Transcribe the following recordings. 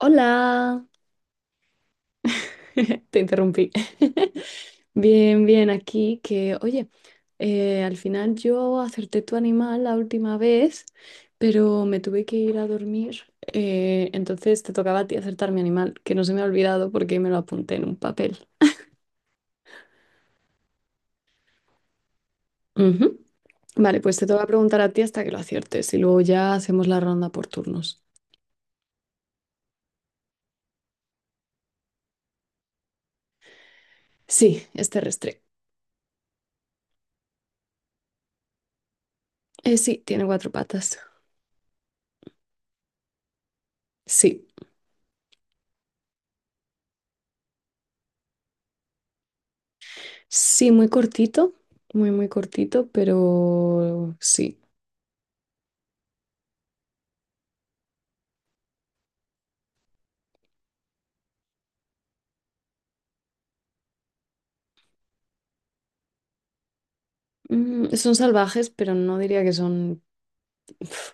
Hola, te interrumpí. Bien, bien, aquí que, oye, al final yo acerté tu animal la última vez, pero me tuve que ir a dormir, entonces te tocaba a ti acertar mi animal, que no se me ha olvidado porque me lo apunté en un papel. Ujú. Vale, pues te toca preguntar a ti hasta que lo aciertes y luego ya hacemos la ronda por turnos. Sí, es terrestre. Sí, tiene cuatro patas. Sí. Sí, muy cortito, muy, muy cortito, pero sí. Mm, son salvajes, pero no diría que son... Uf.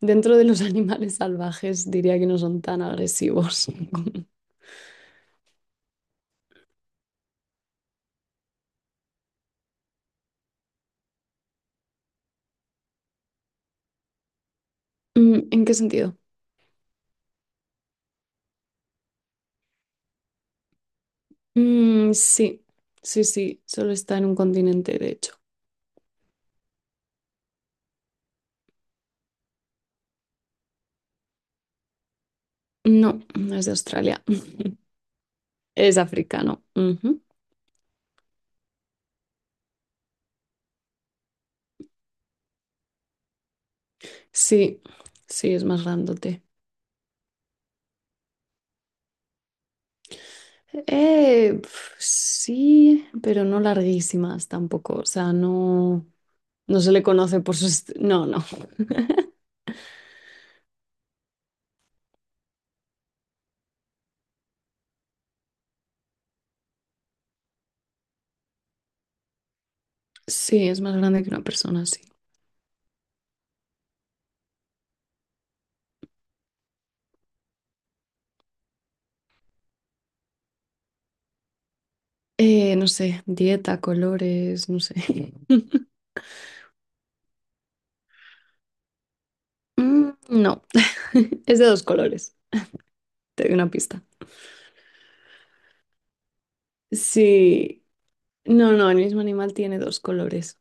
Dentro de los animales salvajes, diría que no son tan agresivos. Mm, ¿en qué sentido? Mm, sí, sí, sí, solo está en un continente, de hecho. No, no es de Australia, es africano. Ujú. Sí, sí, es más grandote. Sí, pero no larguísimas tampoco, o sea, no... No se le conoce por sus... No, no. Sí, es más grande que una persona, sí. No sé, dieta, colores, no sé. Mm, no, es de dos colores. Te doy una pista. Sí, no, no, el mismo animal tiene dos colores.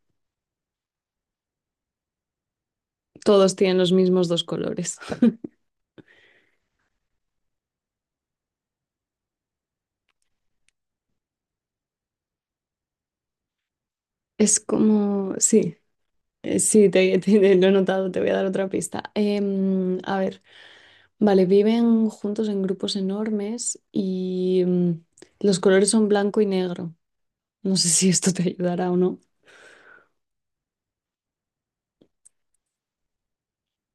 Todos tienen los mismos dos colores. Es como, sí, sí, lo he notado, te voy a dar otra pista. A ver, vale, viven juntos en grupos enormes y los colores son blanco y negro. No sé si esto te ayudará o no.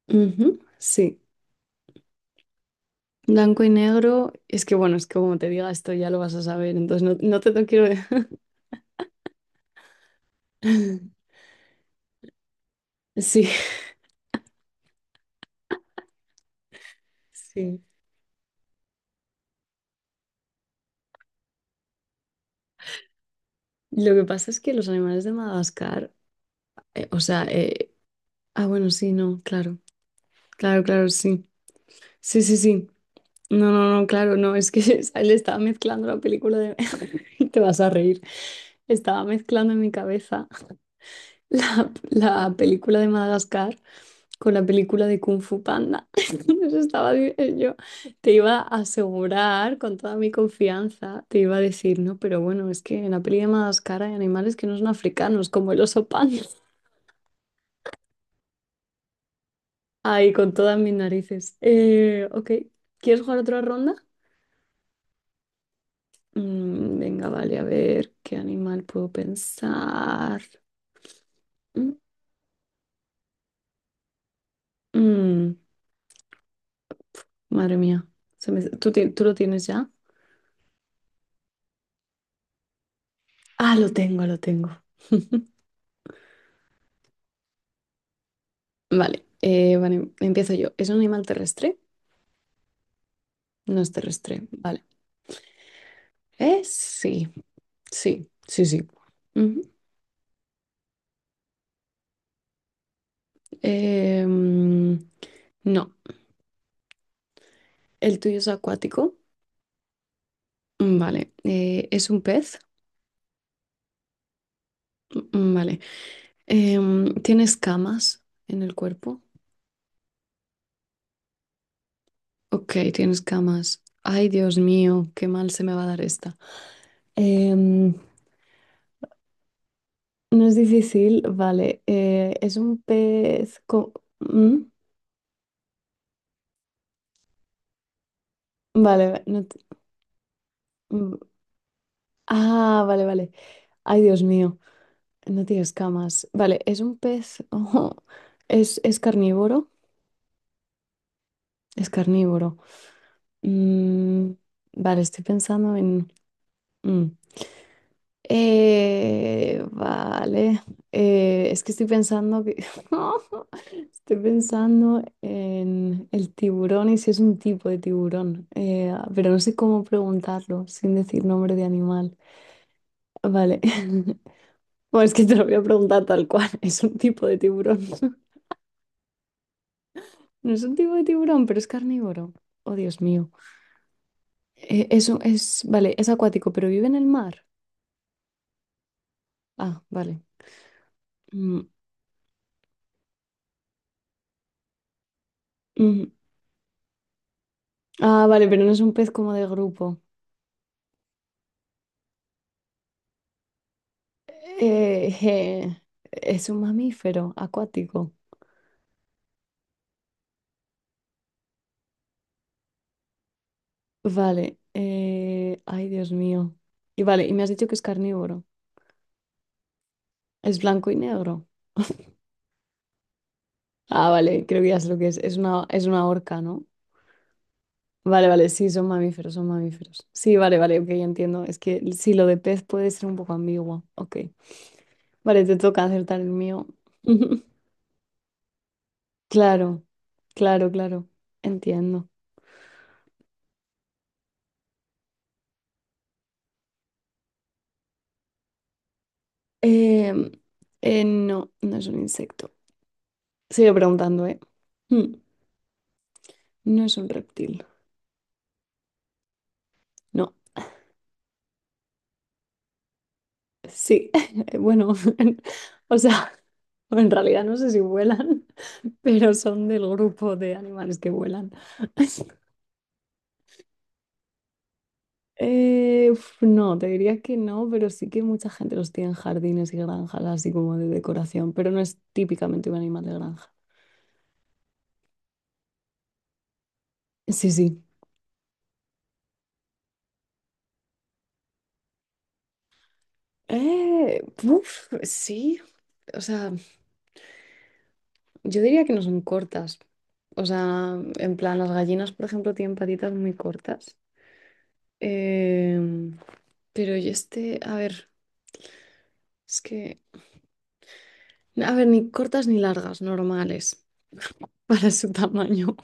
Ujú, sí. Blanco y negro. Es que bueno, es que como te diga esto ya lo vas a saber, entonces no, no te lo quiero dejar. Sí, sí. Lo que pasa es que los animales de Madagascar, o sea, bueno, sí, no, claro, claro, claro, sí. Sí, sí, sí. No, no, no, claro, no, es que le estaba mezclando la película de... Te vas a reír. Estaba mezclando en mi cabeza la película de Madagascar con la película de Kung Fu Panda. Eso estaba yo. Te iba a asegurar con toda mi confianza, te iba a decir, no, pero bueno, es que en la peli de Madagascar hay animales que no son africanos, como el oso panda. Ahí, con todas mis narices. Ok, ¿quieres jugar otra ronda? Mm, venga, vale, a ver qué animal puedo pensar. Mm, mm, madre mía, ¿Tú, tú lo tienes ya? Ah, lo tengo, lo tengo. Vale, vale, empiezo yo. ¿Es un animal terrestre? No es terrestre, vale. Sí, sí, sí, sí. Ujú. Eh, mm, no, el tuyo es acuático. Mm, vale. ¿Es un pez? Mm, vale. ¿Tienes camas en el cuerpo? Ok, tienes camas. Ay, Dios mío, qué mal se me va a dar esta. Em, no es difícil, vale. Es un pez. ¿Mm? Vale, va- no te- mm, Ah, vale, vale. Ay, Dios mío. No tiene escamas. Vale, ¿es un pez? Ojo. Es carnívoro? Es carnívoro. Mm, vale, estoy pensando en... mm. Vale. Es que estoy pensando que... Estoy pensando en el tiburón y si es un tipo de tiburón. Pero no sé cómo preguntarlo sin decir nombre de animal. Vale. Bueno, es que te lo voy a preguntar tal cual. Es un tipo de tiburón. No es un tipo de tiburón, pero es carnívoro. Oh, Dios mío. Eso es, vale, es acuático, pero vive en el mar. Ah, vale. Mm, mm. Ah, vale, pero no es un pez como de grupo. Eh, eh, es un mamífero acuático. Vale. Ay, Dios mío. Y vale, y me has dicho que es carnívoro. Es blanco y negro. Ah, vale, creo que ya sé lo que es. Es una orca, ¿no? Vale, vale, sí, son mamíferos, son mamíferos. Sí, vale, vale, ok, ya entiendo. Es que sí, lo de pez puede ser un poco ambiguo. Ok. Vale, te toca acertar el mío. Claro, claro, claro. Entiendo. Em, no, no es un insecto. Sigue preguntando, ¿eh? Mm, no es un reptil. No, sí. Bueno, o sea, en realidad no sé si vuelan, pero son del grupo de animales que vuelan. No, te diría que no, pero sí que mucha gente los tiene en jardines y granjas, así como de decoración, pero no es típicamente un animal de granja. Sí, sí. Sí, o sea, yo diría que no son cortas. O sea, en plan, las gallinas, por ejemplo, tienen patitas muy cortas. Em, pero y este, a ver, es que, a ver, ni cortas ni largas, normales, para su tamaño.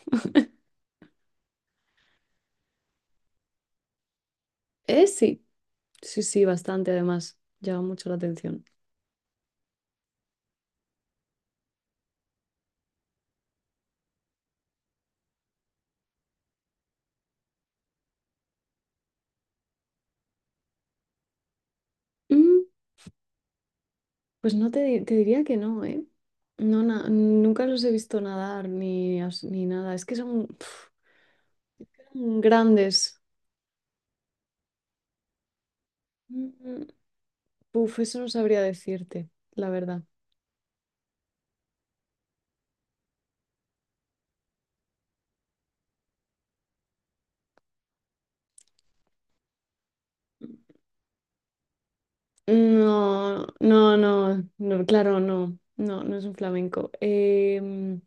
Sí, sí, sí, bastante, además, llama mucho la atención. Mm, pues no te, te diría que no, ¿eh? No, nunca los he visto nadar ni, ni nada. Es que son... Mm, grandes. Mm, uf, eso no sabría decirte, la verdad. No, no, no, no, claro, no, no, no es un flamenco.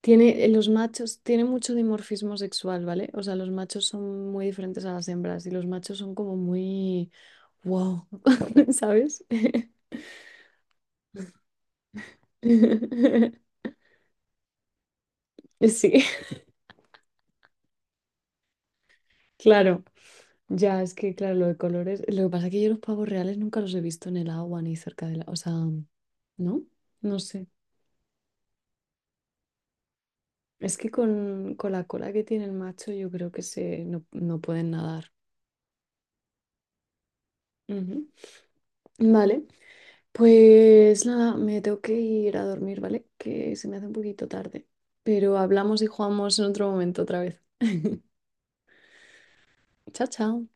Tiene, los machos, tiene mucho dimorfismo sexual, ¿vale? O sea, los machos son muy diferentes a las hembras y los machos son como muy, wow, ¿sabes? Sí, claro. Ya, es que claro, lo de colores. Lo que pasa es que yo los pavos reales nunca los he visto en el agua ni cerca de la. O sea, ¿no? No sé. Es que con la cola que tiene el macho, yo creo que se no, no pueden nadar. Ujú. Vale. Pues nada, me tengo que ir a dormir, ¿vale? Que se me hace un poquito tarde. Pero hablamos y jugamos en otro momento otra vez. Chao, chao.